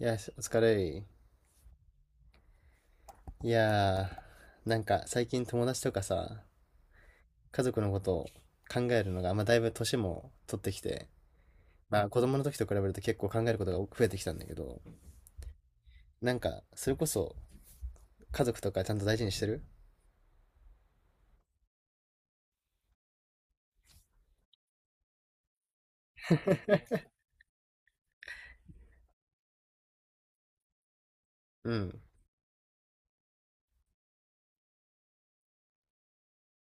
いや、しお疲れい。いやー、なんか最近友達とかさ、家族のことを考えるのが、まあだいぶ年も取ってきて、まあ子供の時と比べると結構考えることが増えてきたんだけど、なんかそれこそ家族とかちゃんと大事にしてる。うん。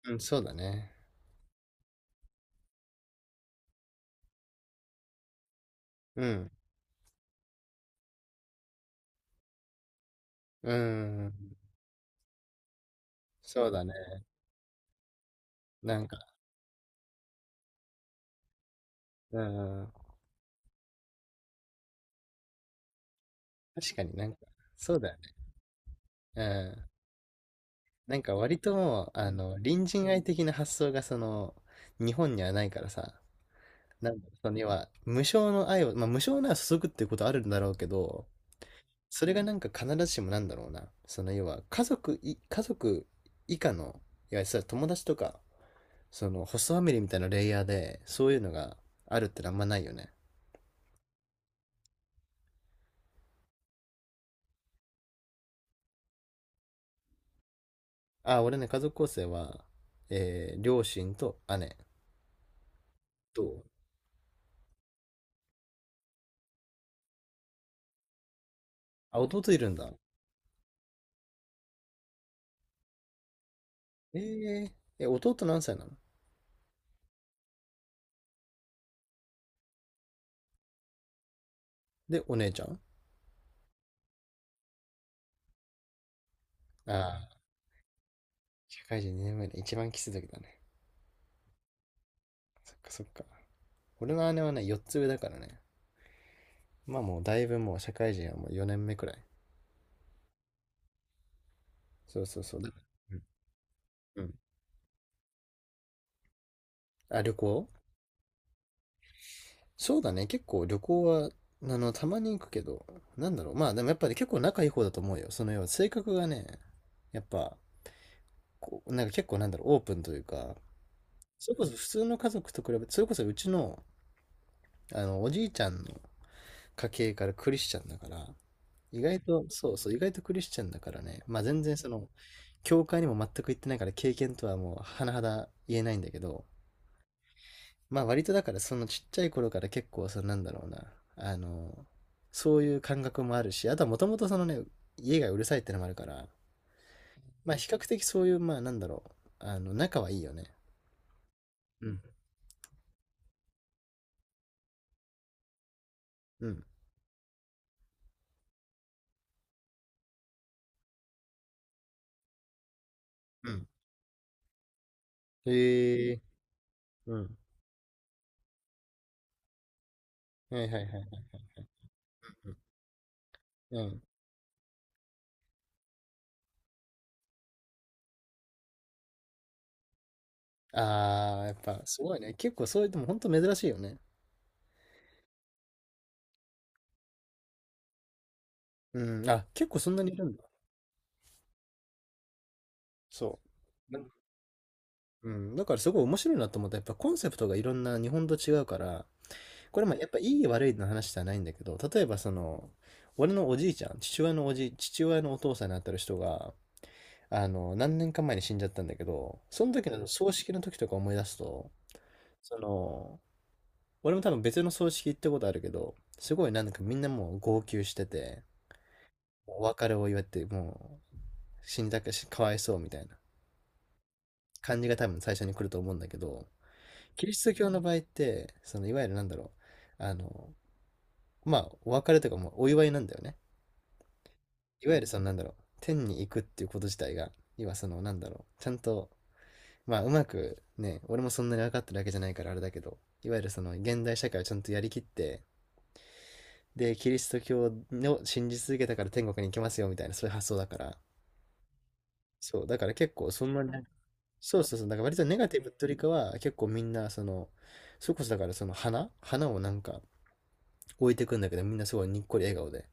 うん、そうだね。うん。うん。そうだね。なんか、うん。確かになんか、そうだよね。うん。なんか割ともう、隣人愛的な発想がその、日本にはないからさ、なんだろう、その要は、無償の愛を、まあ無償なら注ぐっていうことあるんだろうけど、それがなんか必ずしもなんだろうな、その要は、家族以下の、いや、それは友達とか、その、ホストファミリーみたいなレイヤーで、そういうのがあるってのはあんまないよね。あ、俺ね、家族構成は、両親と姉と、あ、弟いるんだ。えー、弟何歳なので、お姉ちゃんああー、社会人2年目で一番キスだけだね。そっかそっか。俺の姉はね、4つ上だからね。まあもうだいぶもう社会人はもう4年目くらい。そうそうそう。だうんうん。あ、旅行そうだね。結構旅行は、たまに行くけど、なんだろう。まあでもやっぱり結構仲いい方だと思うよ。その要は性格がね、やっぱ、こう、なんか結構なんだろう、オープンというか、それこそ普通の家族と比べて、それこそうちの、おじいちゃんの家系からクリスチャンだから、意外と、そうそう、意外とクリスチャンだからね、まあ全然その、教会にも全く行ってないから経験とはもう甚だ言えないんだけど、まあ割とだからそのちっちゃい頃から結構そのなんだろうなあのそういう感覚もあるしあとはもともとそのね家がうるさいってのもあるからまあ比較的そういうまあなんだろうあの仲はいいよね。うんうんうんへえうんはいはいはいうん、ああーやっぱすごいね結構そういうでも本当珍しいよね。うんあ結構そんなにいるんだそうなんうん、だからすごい面白いなと思った。やっぱコンセプトがいろんな日本と違うから、これもやっぱいい悪いの話じゃないんだけど、例えばその、俺のおじいちゃん、父親のお父さんになってる人が、何年か前に死んじゃったんだけど、その時の葬式の時とか思い出すと、その、俺も多分別の葬式行ったことあるけど、すごいなんかみんなもう号泣してて、お別れを祝って、もう死んだかし、かわいそうみたいな感じが多分最初に来ると思うんだけど、キリスト教の場合って、そのいわゆるなんだろう、まあ、お別れとかもお祝いなんだよね。いわゆるそのなんだろう、天に行くっていうこと自体が、要はそのなんだろう、ちゃんと、まあうまくね、俺もそんなに分かってるわけじゃないからあれだけど、いわゆるその現代社会をちゃんとやりきって、で、キリスト教を信じ続けたから天国に行けますよみたいな、そういう発想だから。そう、だから結構そんなに、そうそうそう、だから割とネガティブというよりかは、結構みんな、その、それこそだからその花をなんか置いてくんだけど、みんなすごいにっこり笑顔で。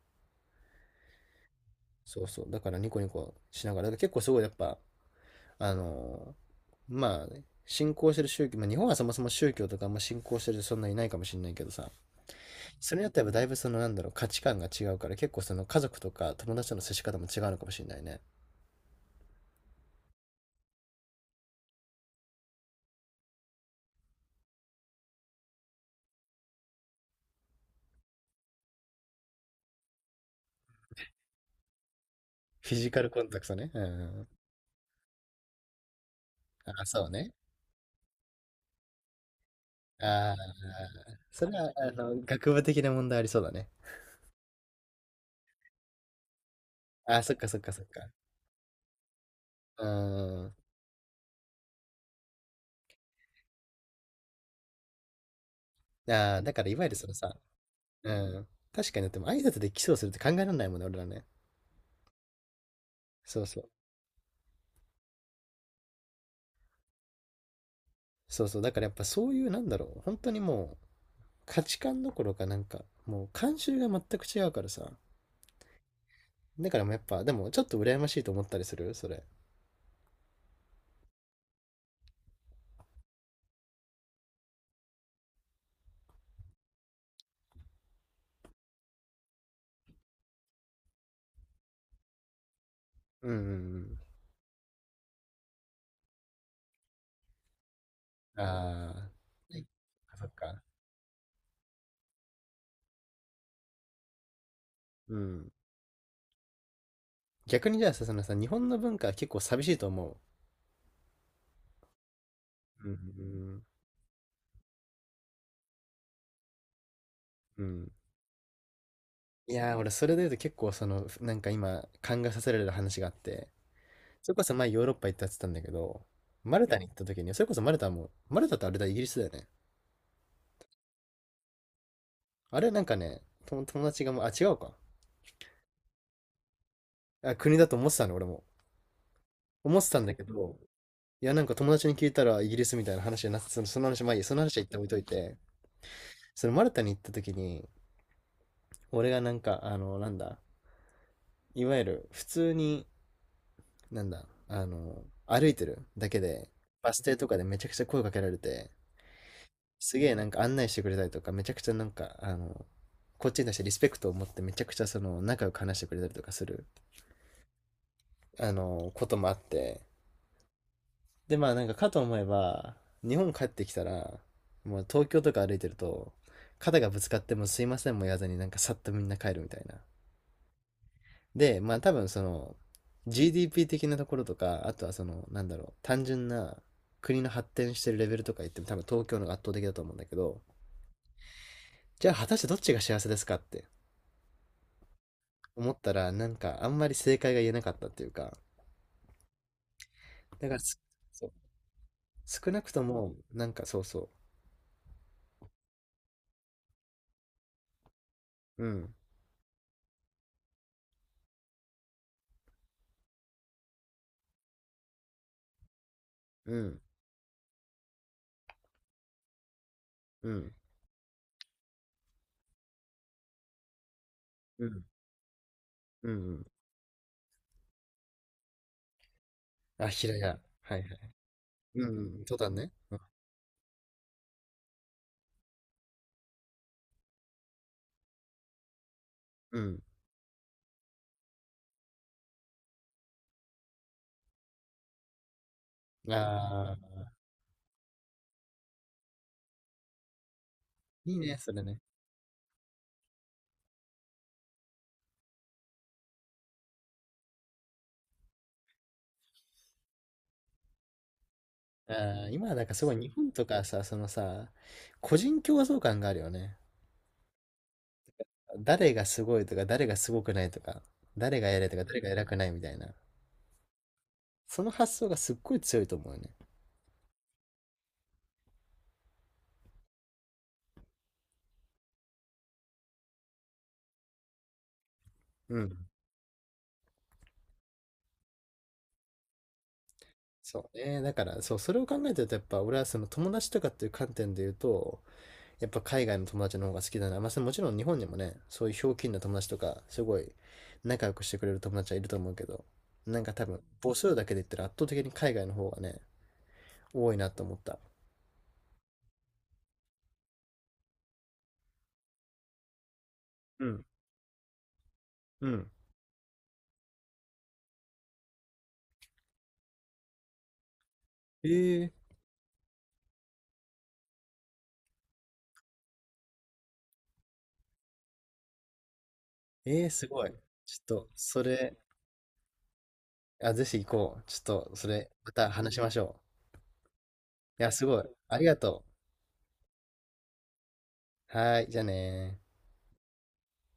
そうそう、だからニコニコしながら、だから結構すごいやっぱ、あの、まあ、ね信仰してる宗教、まあ、日本はそもそも宗教とかあんま信仰してる人そんないないかもしれないけどさ、それによってやだいぶそのなんだろう、価値観が違うから、結構その家族とか友達との接し方も違うのかもしれないね。フィジカルコンタクトね。うん。あ、そうね。ああ、それは、学部的な問題ありそうだね。ああ、そっかそっかそっか。うん。ああ、だからいわゆるそのさ、うん。確かに、でも挨拶でキスをするって考えられないもんね、俺らね。そうそう。そうそう。だからやっぱそういう、なんだろう、本当にもう、価値観どころかなんか、もう慣習が全く違うからさ。だからもうやっぱ、でもちょっと羨ましいと思ったりするそれ。うんうんうん。ああ。はいそっか。うん。逆にじゃあさ、そのさ、日本の文化は結構寂しいと思う。うんうんうん。うん。いやー、俺それで言うと結構その、なんか今、考えさせられる話があって、それこそ前ヨーロッパ行ったって言ってたんだけど、マルタに行った時に、それこそマルタも、マルタってあれだ、イギリスだよね。あれなんかね、と友達がもう、あ、違うか。あ、国だと思ってたの、俺も。思ってたんだけど、いや、なんか友達に聞いたらイギリスみたいな話じゃなくて、その、その話、まあいいや、その話は一旦置いといて、そのマルタに行った時に、俺がなんか、あの、なんだ、いわゆる普通に、なんだ、あの、歩いてるだけで、バス停とかでめちゃくちゃ声かけられて、すげえなんか案内してくれたりとか、めちゃくちゃなんか、こっちに対してリスペクトを持ってめちゃくちゃその仲良く話してくれたりとかする、こともあって、で、まあなんかかと思えば、日本帰ってきたら、もう東京とか歩いてると、肩がぶつかってもすいませんも言わずになんかさっとみんな帰るみたいな。で、まあ多分その GDP 的なところとか、あとはそのなんだろう、単純な国の発展してるレベルとか言っても多分東京の方が圧倒的だと思うんだけど、じゃあ果たしてどっちが幸せですかって思ったらなんかあんまり正解が言えなかったっていうか、だからすそう少なくともなんかそうそう、うん、うん、うん、うん、うん、うん、うんあ、平屋。はいはい。うんうん、登山ね。うん。うん。ああ、いいね、それね。ああ、今はなんかすごい日本とかさ、そのさ、個人競争感があるよね。誰がすごいとか、誰がすごくないとか、誰が偉いとか、誰が偉くないみたいな。その発想がすっごい強いと思うよね。うん。そうね。だから、そう、それを考えてると、やっぱ俺はその友達とかっていう観点で言うと、やっぱ海外の友達の方が好きだな。まあ、それもちろん日本にもね、そういうひょうきんな友達とか、すごい仲良くしてくれる友達はいると思うけど、なんか多分母数だけで言ったら圧倒的に海外の方がね、多いなと思った。うん。うん。えー、えー、すごい。ちょっと、それ、あ、ぜひ行こう。ちょっと、それ、また話しましょう。いや、すごい。ありがとう。はーい、じゃあねー。